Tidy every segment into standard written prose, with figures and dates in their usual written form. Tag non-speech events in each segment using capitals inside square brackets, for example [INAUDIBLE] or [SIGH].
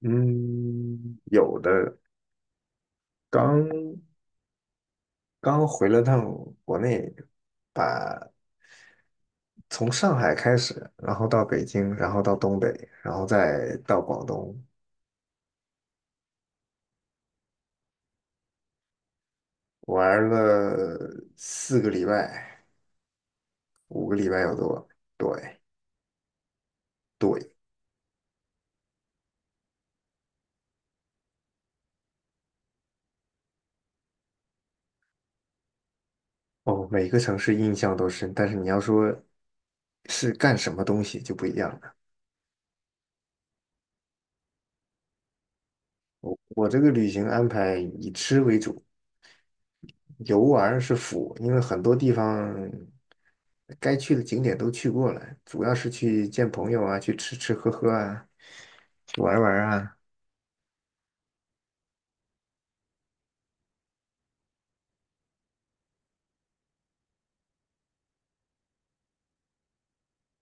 嗯，有的，刚刚回了趟国内，把从上海开始，然后到北京，然后到东北，然后再到广东，玩了4个礼拜，5个礼拜有多。对对，哦，每个城市印象都深，但是你要说是干什么东西就不一样了。我这个旅行安排以吃为主，游玩是辅，因为很多地方该去的景点都去过了，主要是去见朋友啊，去吃吃喝喝啊，去玩玩啊。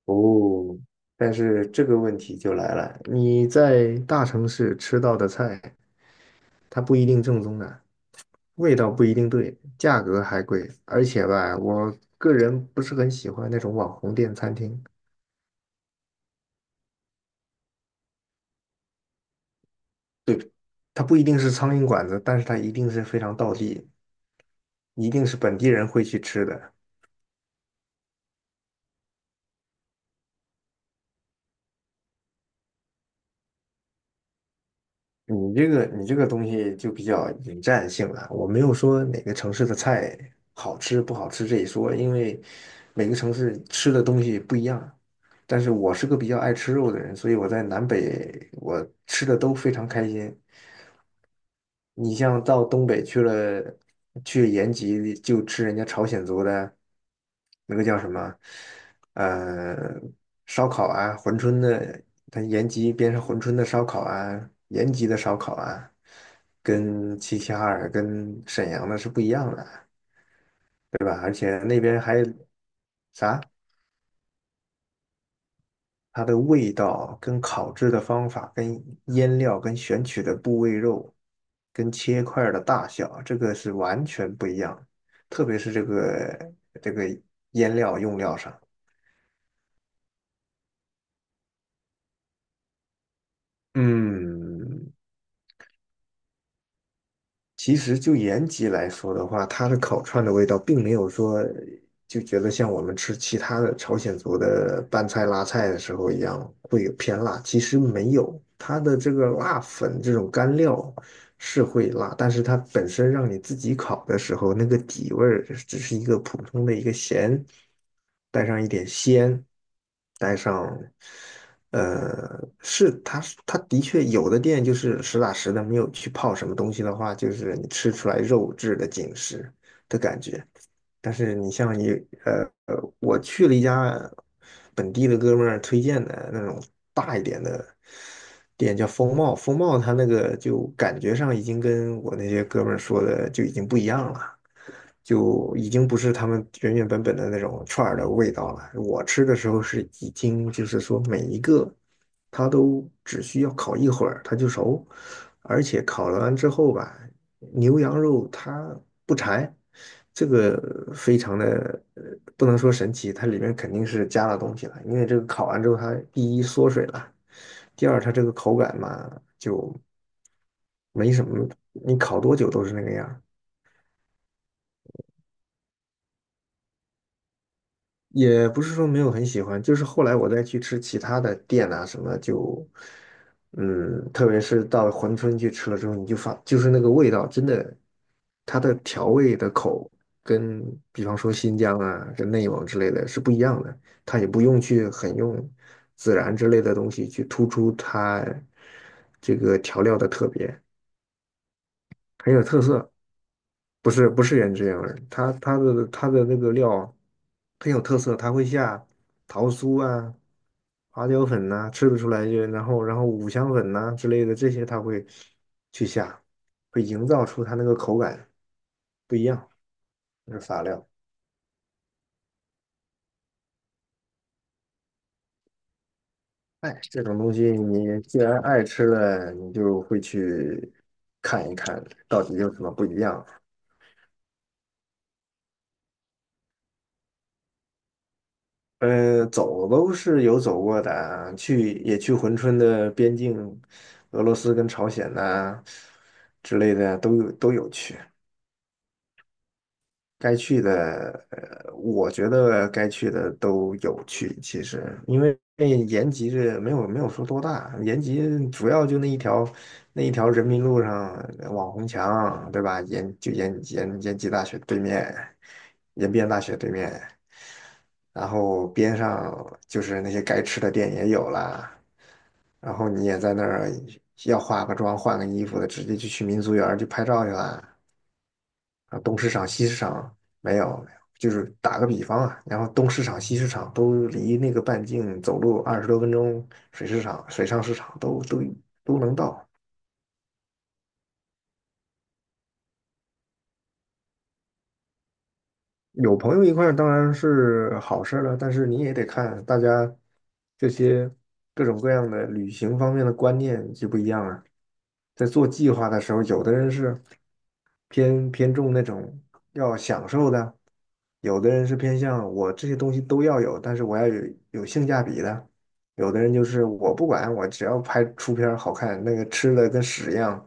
哦，但是这个问题就来了，你在大城市吃到的菜，它不一定正宗的，味道不一定对，价格还贵，而且吧，我个人不是很喜欢那种网红店餐厅。对，它不一定是苍蝇馆子，但是它一定是非常道地，一定是本地人会去吃的。你这个东西就比较引战性了。我没有说哪个城市的菜好吃不好吃这一说，因为每个城市吃的东西不一样。但是我是个比较爱吃肉的人，所以我在南北我吃的都非常开心。你像到东北去了，去延吉就吃人家朝鲜族的那个叫什么，呃，烧烤啊，珲春的，它延吉边上珲春的烧烤啊，延吉的烧烤啊，跟齐齐哈尔、跟沈阳的是不一样的，而且那边还它的味道、跟烤制的方法、跟腌料、跟选取的部位肉、跟切块儿的大小，这个是完全不一样的。特别是这个腌料用料上，嗯，其实就延吉来说的话，它的烤串的味道并没有说就觉得像我们吃其他的朝鲜族的拌菜、辣菜的时候一样，会有偏辣。其实没有，它的这个辣粉这种干料是会辣，但是它本身让你自己烤的时候，那个底味儿只是一个普通的一个咸，带上一点鲜，带上，是它的确有的店就是实打实的，没有去泡什么东西的话，就是你吃出来肉质的紧实的感觉。但是你像你呃呃，我去了一家本地的哥们儿推荐的那种大一点的店，叫风貌。风貌它那个就感觉上已经跟我那些哥们儿说的就已经不一样了。就已经不是他们原原本本的那种串儿的味道了。我吃的时候是已经就是说每一个它都只需要烤一会儿它就熟，而且烤了完之后吧，牛羊肉它不柴，这个非常的不能说神奇，它里面肯定是加了东西了，因为这个烤完之后它第一缩水了，第二它这个口感嘛就没什么，你烤多久都是那个样儿。也不是说没有很喜欢，就是后来我再去吃其他的店啊什么，就，特别是到珲春去吃了之后，你就发，就是那个味道真的，它的调味的口跟比方说新疆啊、跟内蒙之类的是不一样的，它也不用去很用孜然之类的东西去突出它这个调料的特别，很有特色。不是不是原汁原味儿，它的那个料很有特色，它会下桃酥啊、花椒粉呐、吃不出来就然后五香粉呐、之类的这些，它会去下，会营造出它那个口感不一样，那是法料。哎，这种东西你既然爱吃了，你就会去看一看到底有什么不一样。走都是有走过的啊去也去珲春的边境，俄罗斯跟朝鲜呐、之类的都有去，该去的，我觉得该去的都有去。其实因为延吉这没有说多大，延吉主要就那一条人民路上网红墙，对吧？延就延延延吉大学对面，延边大学对面。然后边上就是那些该吃的店也有啦，然后你也在那儿要化个妆、换个衣服的，直接就去民族园儿去拍照去啦。啊，东市场、西市场没有没有，就是打个比方啊，然后东市场、西市场都离那个半径走路20多分钟，水市场、水上市场都能到。有朋友一块儿当然是好事儿了，但是你也得看大家这些各种各样的旅行方面的观念就不一样啊。在做计划的时候，有的人是偏重那种要享受的，有的人是偏向我这些东西都要有，但是我要有性价比的。有的人就是我不管，我只要拍出片儿好看，那个吃的跟屎一样，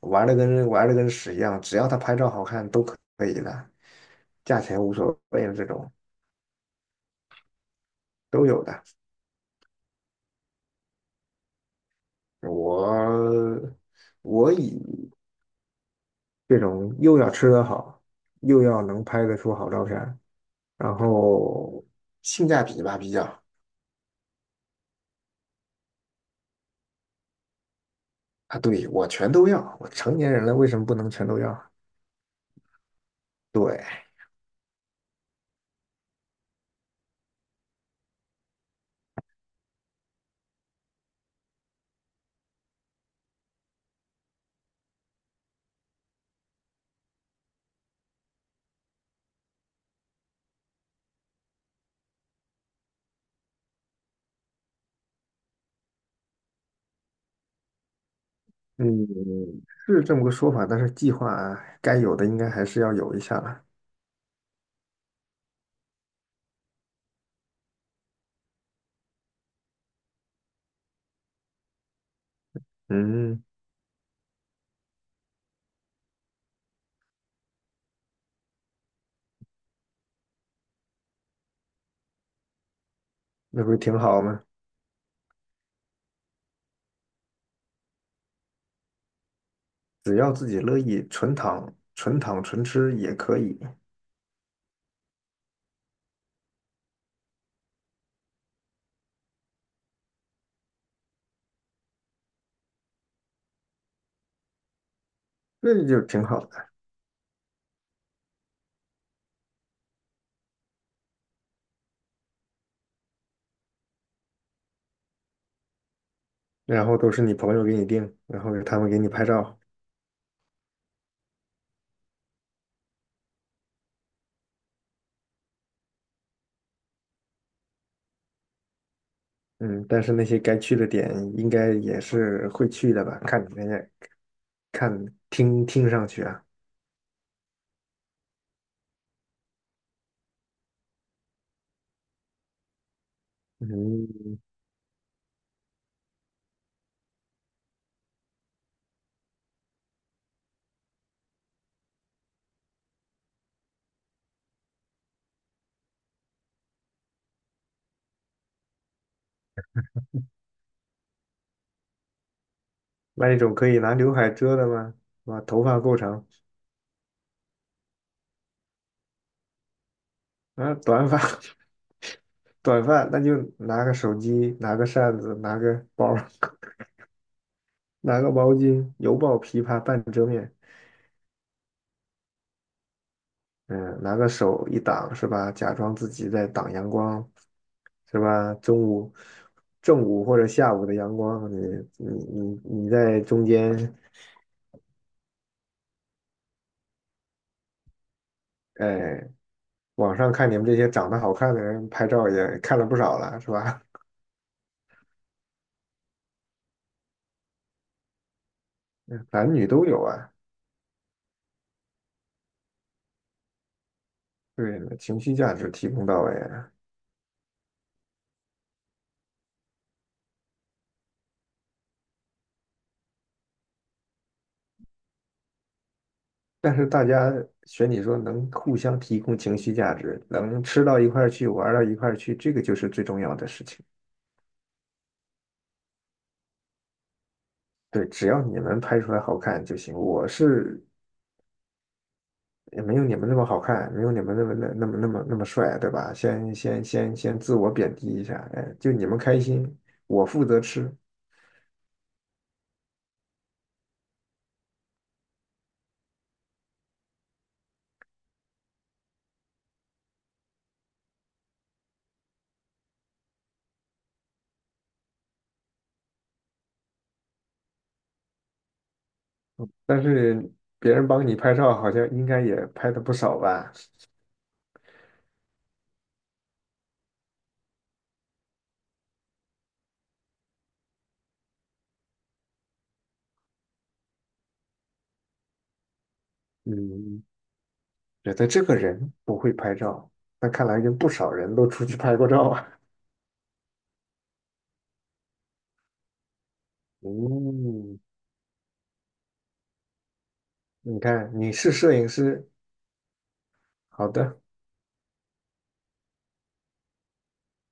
玩的跟屎一样，只要他拍照好看都可以的，价钱无所谓的这种都有的。我我以这种又要吃得好，又要能拍得出好照片儿然后性价比吧比较啊，对，我全都要，我成年人了为什么不能全都要？对，嗯，是这么个说法，但是计划该有的应该还是要有一下了，嗯，那不是挺好吗？只要自己乐意，纯躺、纯躺、纯吃也可以，这就挺好的。然后都是你朋友给你定，然后他们给你拍照。嗯，但是那些该去的点应该也是会去的吧？看你那个，看听上去啊，嗯，那一种可以拿刘海遮的吗？啊，头发够长啊，短发。[LAUGHS] 短发那就拿个手机，拿个扇子，拿个包儿 [LAUGHS] 拿个毛巾，犹抱琵琶半遮面。嗯，拿个手一挡是吧？假装自己在挡阳光，是吧？中午、正午或者下午的阳光，你你在中间，哎，网上看你们这些长得好看的人拍照也看了不少了，是吧？[LAUGHS] 嗯男女都有啊，对，情绪价值提供到位啊。但是大家选你说能互相提供情绪价值，能吃到一块儿去，玩到一块儿去，这个就是最重要的事情。对，只要你们拍出来好看就行。我是也没有你们那么好看，没有你们那么帅，对吧？先自我贬低一下，哎，就你们开心，我负责吃。但是别人帮你拍照，好像应该也拍的不少吧？嗯，觉得这个人不会拍照，那看来跟不少人都出去拍过照啊。嗯，你看，你是摄影师，好的。